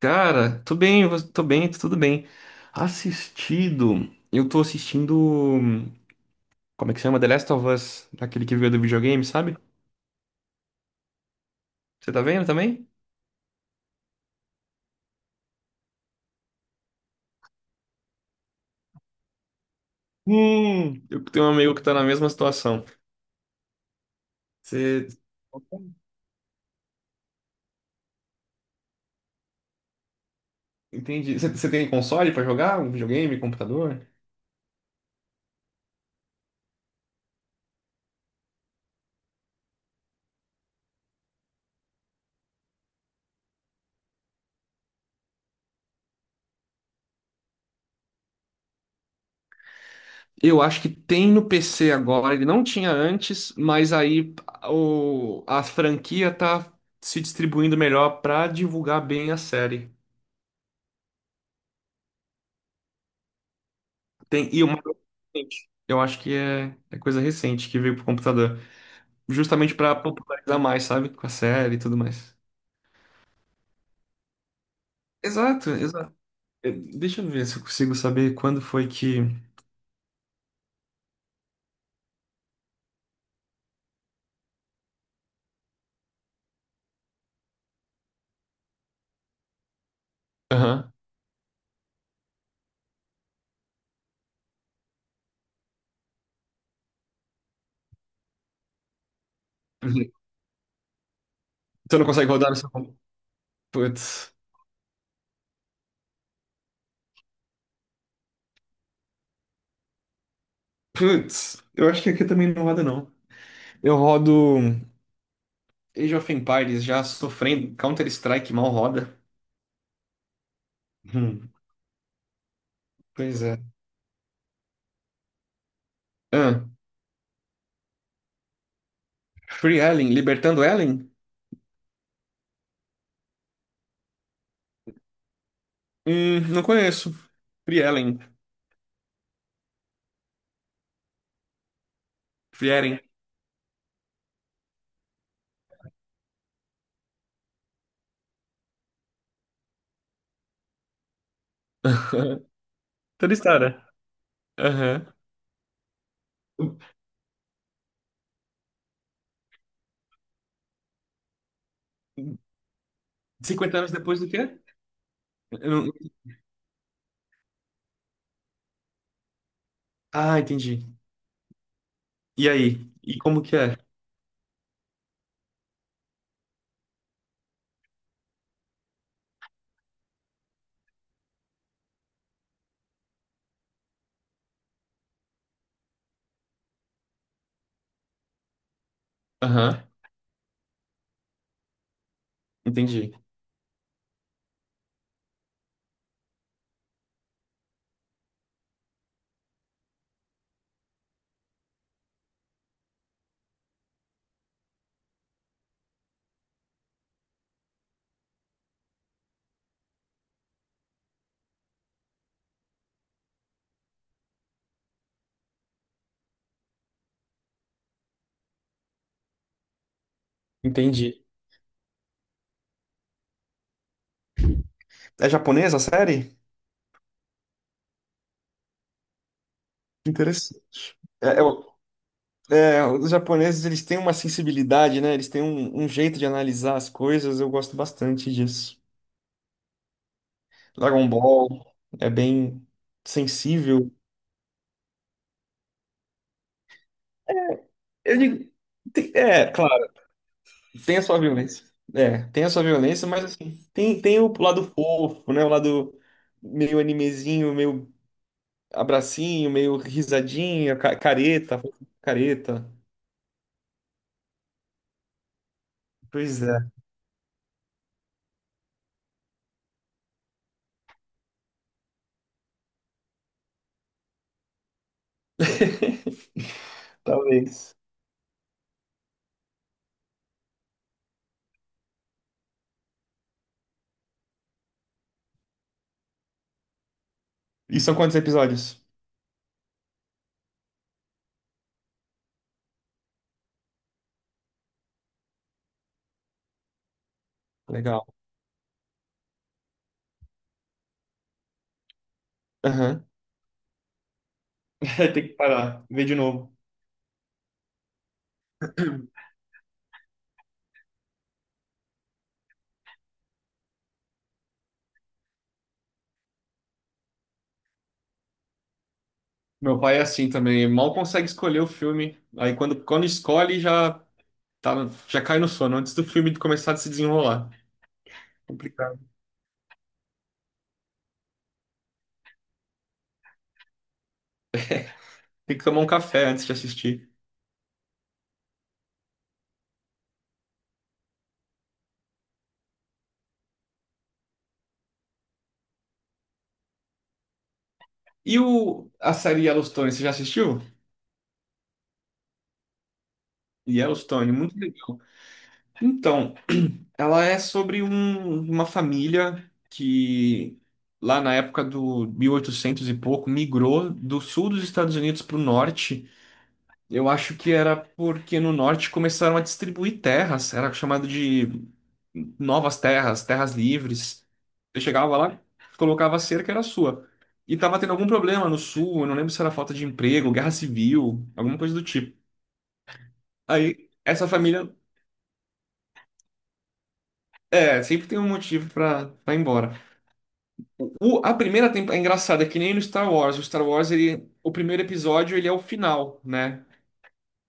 Cara, tô bem, tô bem, tudo bem. Assistido, eu tô assistindo, hum, como é que chama? The Last of Us, aquele que veio do videogame, sabe? Você tá vendo também? Eu tenho um amigo que tá na mesma situação. Você entende? Você tem console pra jogar? Um videogame, computador? Eu acho que tem no PC agora, ele não tinha antes, mas aí a franquia tá se distribuindo melhor pra divulgar bem a série. Tem, e uma coisa recente. Eu acho que é coisa recente que veio pro computador. Justamente pra popularizar mais, sabe? Com a série e tudo mais. Exato, exato. Deixa eu ver se eu consigo saber quando foi que. Aham. Você não consegue rodar no seu computador? Putz. Putz. Eu acho que aqui também não roda, não. Eu rodo Age of Empires já sofrendo. Counter-Strike mal roda. Hum, pois é. Ah, Free Ellen, Libertando Ellen? Não conheço. Free Ellen. Free Ellen. Toda história. Aham. 50 anos depois do quê? Eu não- Ah, entendi. E aí? E como que é? Aham, entendi. Entendi. É japonesa a série? Interessante. É, os japoneses, eles têm uma sensibilidade, né? eles têm um jeito de analisar as coisas. Eu gosto bastante disso. Dragon Ball é bem sensível. Eu digo, é, claro. Tem a sua violência. É, tem a sua violência, mas assim, tem o lado fofo, né? O lado meio animezinho, meio abracinho, meio risadinha, careta, careta. Pois é. Talvez. E são quantos episódios? Legal. Aham. Tem que parar, ver de novo. Meu pai é assim também, mal consegue escolher o filme. Aí quando escolhe, já cai no sono antes do filme começar a se desenrolar. Complicado. Tem que tomar um café antes de assistir. E a série Yellowstone, você já assistiu? Yellowstone, muito legal. Então, ela é sobre uma família que, lá na época do 1800 e oitocentos e pouco, migrou do sul dos Estados Unidos para o norte. Eu acho que era porque no norte começaram a distribuir terras, era chamado de novas terras, terras livres. Você chegava lá, colocava a cerca, era sua. E tava tendo algum problema no sul, eu não lembro se era falta de emprego, guerra civil, alguma coisa do tipo. Aí, essa família. É, sempre tem um motivo pra ir embora. A primeira temporada. É engraçado, é que nem no Star Wars. O Star Wars, ele, o primeiro episódio, ele é o final, né?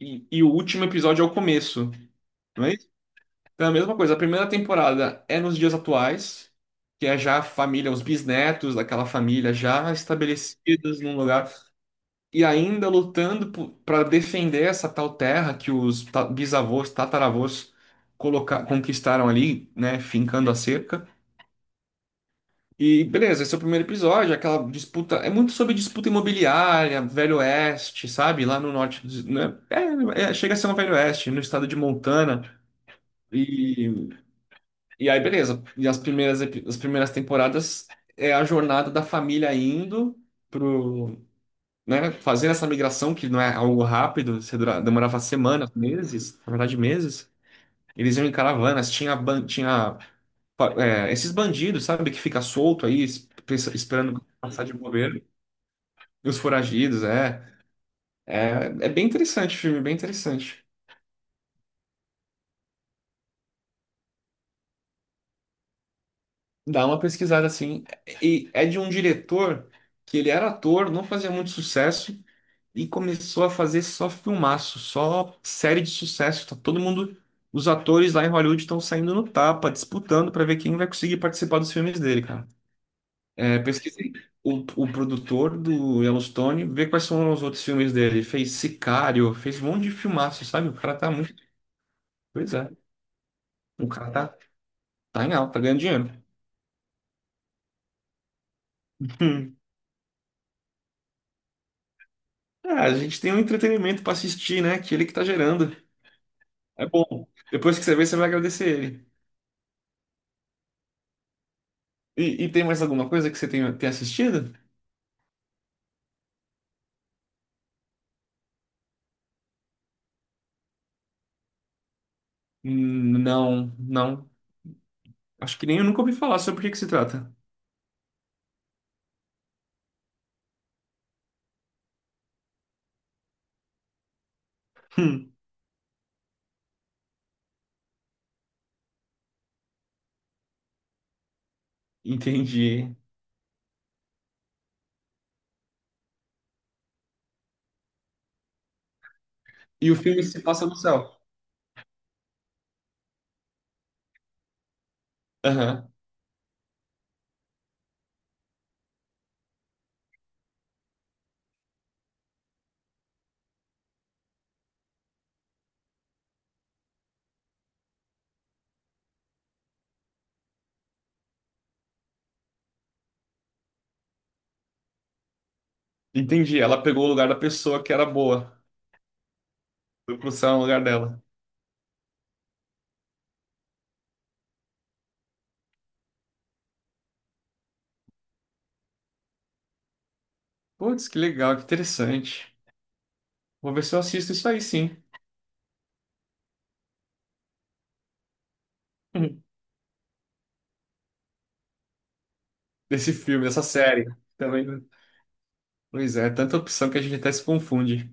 E o último episódio é o começo. Não é isso? Então é a mesma coisa. A primeira temporada é nos dias atuais, que é já a família, os bisnetos daquela família já estabelecidos num lugar. E ainda lutando para defender essa tal terra que os bisavôs, tataravôs conquistaram ali, né? Fincando a cerca. E beleza, esse é o primeiro episódio, aquela disputa. É muito sobre disputa imobiliária, Velho Oeste, sabe? Lá no norte, né? É, é, chega a ser no Velho Oeste, no estado de Montana. E, e aí, beleza. E as primeiras temporadas é a jornada da família indo pro, né? Fazendo essa migração, que não é algo rápido, você demorava semanas, meses, na verdade, meses. Eles iam em caravanas, tinha esses bandidos, sabe? Que fica solto aí, esperando passar de bobeira. Os Foragidos, é. É, é bem interessante o filme, bem interessante. Dá uma pesquisada assim. E é de um diretor que ele era ator, não fazia muito sucesso e começou a fazer só filmaço, só série de sucesso. Tá todo mundo, os atores lá em Hollywood estão saindo no tapa, disputando para ver quem vai conseguir participar dos filmes dele, cara. É, pesquisei o produtor do Yellowstone, vê quais são os outros filmes dele. Fez Sicário, fez um monte de filmaço, sabe? O cara tá muito. Pois é. O cara tá em alta, tá ganhando dinheiro. Ah, a gente tem um entretenimento pra assistir, né? Que ele que tá gerando. É bom. Depois que você vê, você vai agradecer ele. E tem mais alguma coisa que você tem assistido? Não, não. Acho que nem eu nunca ouvi falar sobre o que que se trata. Hum, entendi. E o filme se passa no céu. Aham. Entendi. Ela pegou o lugar da pessoa que era boa. Foi pro céu no lugar dela. Putz, que legal, que interessante. Vou ver se eu assisto isso aí, sim. Hum, Desse filme, dessa série. Também. Pois é, tanta opção que a gente até se confunde.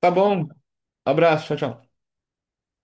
Tá bom, abraço, tchau, tchau.